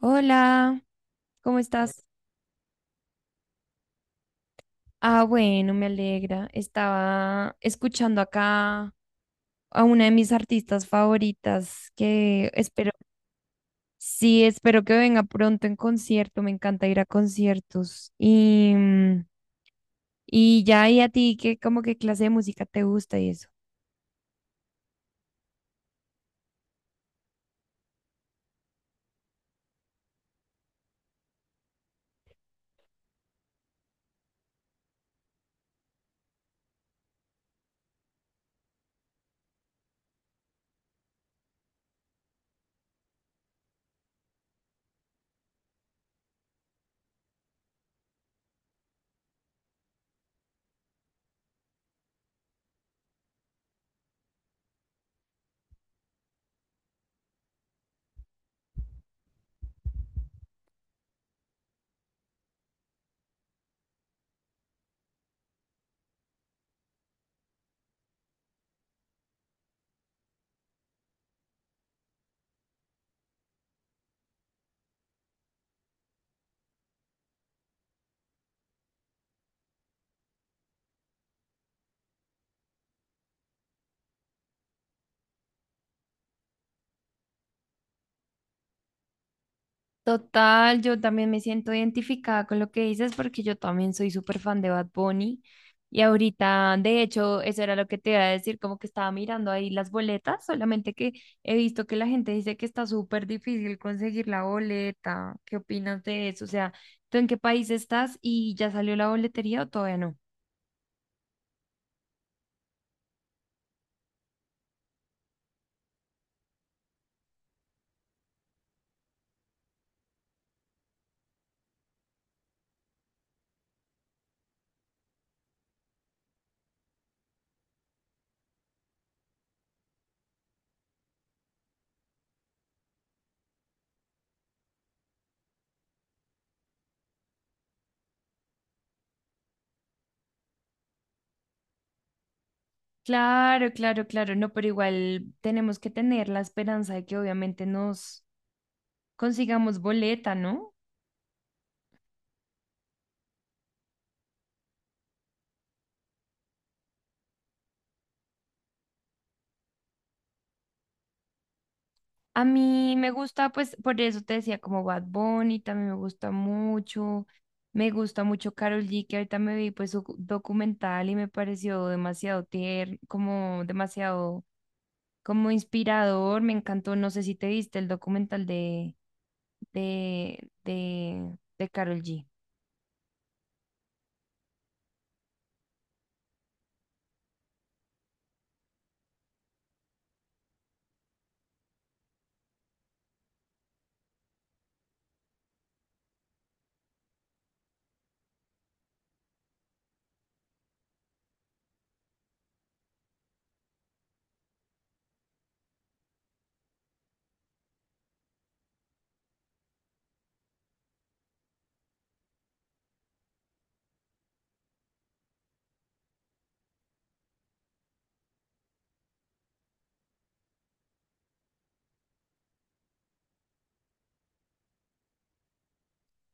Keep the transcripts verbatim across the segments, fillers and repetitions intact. Hola, ¿cómo estás? Ah, bueno, me alegra. Estaba escuchando acá a una de mis artistas favoritas que espero, sí, espero que venga pronto en concierto. Me encanta ir a conciertos. Y, mm, y ya, ¿y a ti qué, como qué clase de música te gusta y eso? Total, yo también me siento identificada con lo que dices porque yo también soy súper fan de Bad Bunny y ahorita, de hecho, eso era lo que te iba a decir, como que estaba mirando ahí las boletas, solamente que he visto que la gente dice que está súper difícil conseguir la boleta. ¿Qué opinas de eso? O sea, ¿tú en qué país estás y ya salió la boletería o todavía no? Claro, claro, claro, no, pero igual tenemos que tener la esperanza de que obviamente nos consigamos boleta, ¿no? A mí me gusta, pues, por eso te decía, como Bad Bunny, también me gusta mucho. Me gusta mucho Karol G, que ahorita me vi, pues, su documental y me pareció demasiado tierno, como demasiado, como inspirador. Me encantó, no sé si te viste el documental de, de, de, de Karol G.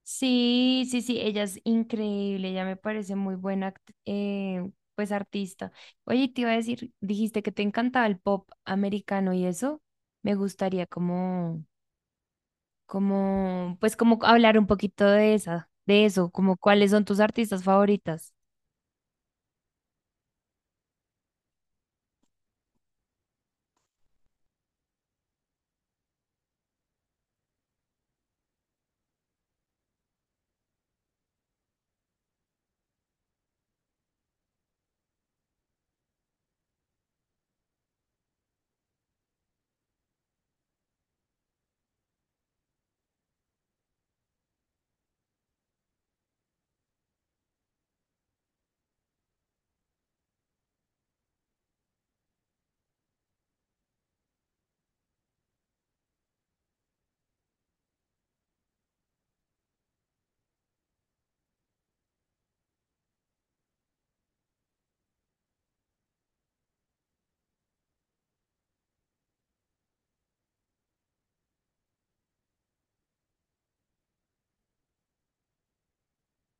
Sí, sí, sí, ella es increíble, ella me parece muy buena, act- eh, pues artista. Oye, te iba a decir, dijiste que te encantaba el pop americano y eso, me gustaría como, como, pues como hablar un poquito de esa, de eso, como cuáles son tus artistas favoritas.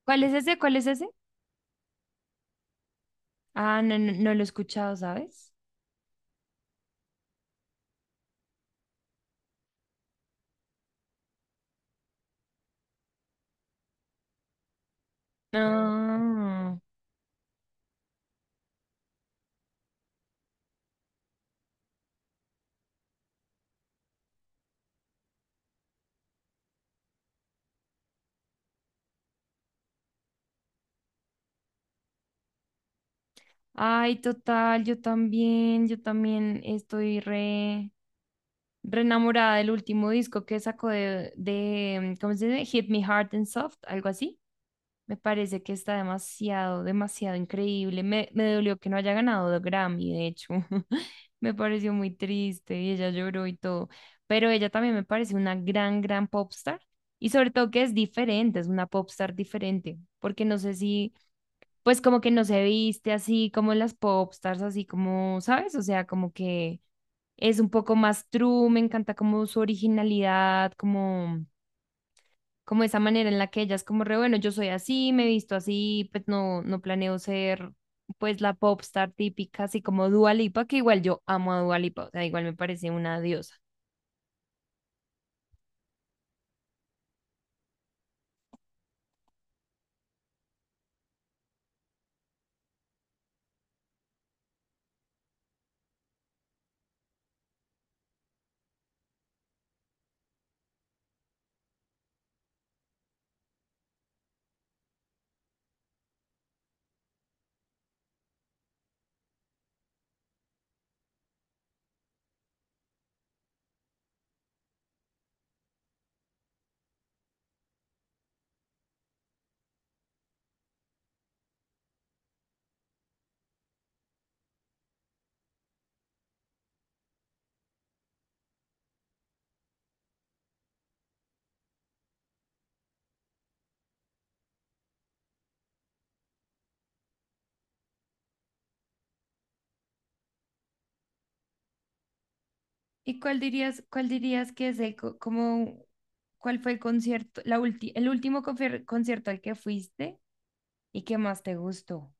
¿Cuál es ese? ¿Cuál es ese? Ah, no, no, no lo he escuchado, ¿sabes? Ah, Ay, total, yo también, yo también estoy re... Renamorada del último disco que sacó de, de, ¿cómo se dice? Hit Me Hard and Soft, algo así. Me parece que está demasiado, demasiado increíble. Me, me dolió que no haya ganado de Grammy, de hecho. Me pareció muy triste y ella lloró y todo. Pero ella también me parece una gran, gran popstar. Y sobre todo que es diferente, es una popstar diferente. Porque no sé si, pues como que no se viste así como las popstars, así como, ¿sabes? O sea, como que es un poco más true, me encanta como su originalidad, como, como esa manera en la que ella es como re, bueno, yo soy así, me he visto así, pues no, no planeo ser pues la popstar típica, así como Dua Lipa, que igual yo amo a Dua Lipa, o sea, igual me parece una diosa. ¿Y cuál dirías, cuál dirías que es el, co- como, cuál fue el concierto, la ulti- el último confer- concierto al que fuiste y que más te gustó?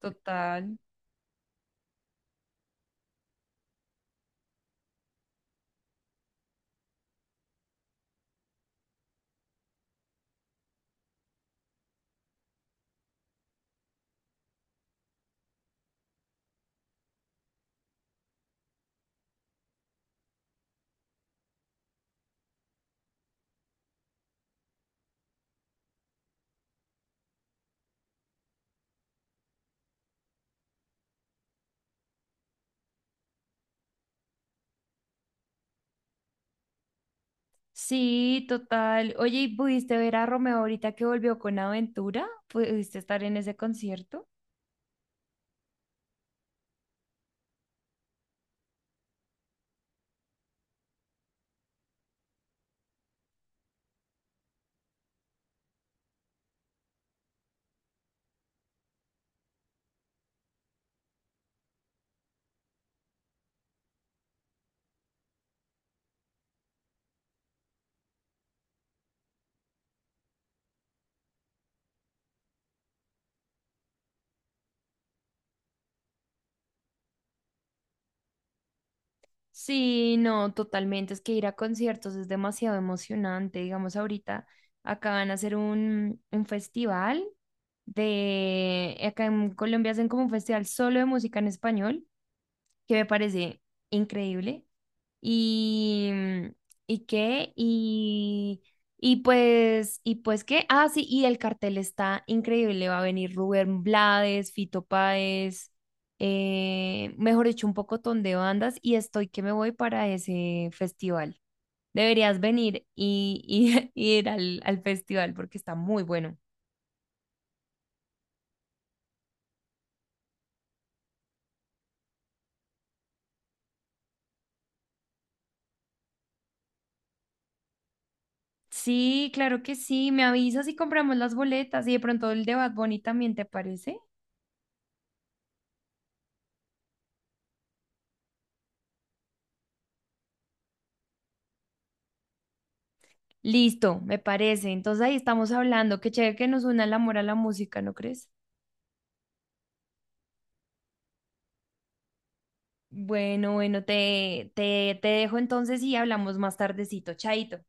Total. Sí, total. Oye, ¿y pudiste ver a Romeo ahorita que volvió con Aventura? ¿Pudiste estar en ese concierto? Sí, no, totalmente. Es que ir a conciertos es demasiado emocionante. Digamos, ahorita acá van a hacer un, un festival de... Acá en Colombia hacen como un festival solo de música en español, que me parece increíble. Y, ¿y qué? Y, y pues, ¿y pues qué? Ah, sí, y el cartel está increíble. Va a venir Rubén Blades, Fito Páez, eh, mejor dicho, un pocotón de bandas. Y estoy que me voy para ese festival. Deberías venir y, y- y ir al, al festival porque está muy bueno. Sí, claro que sí. Me avisas y compramos las boletas. Y de pronto el de Bad Bunny también, ¿te parece? Listo, me parece. Entonces ahí estamos hablando. Qué chévere que nos una el amor a la música, ¿no crees? Bueno, bueno, te, te, te dejo entonces y hablamos más tardecito. Chaito.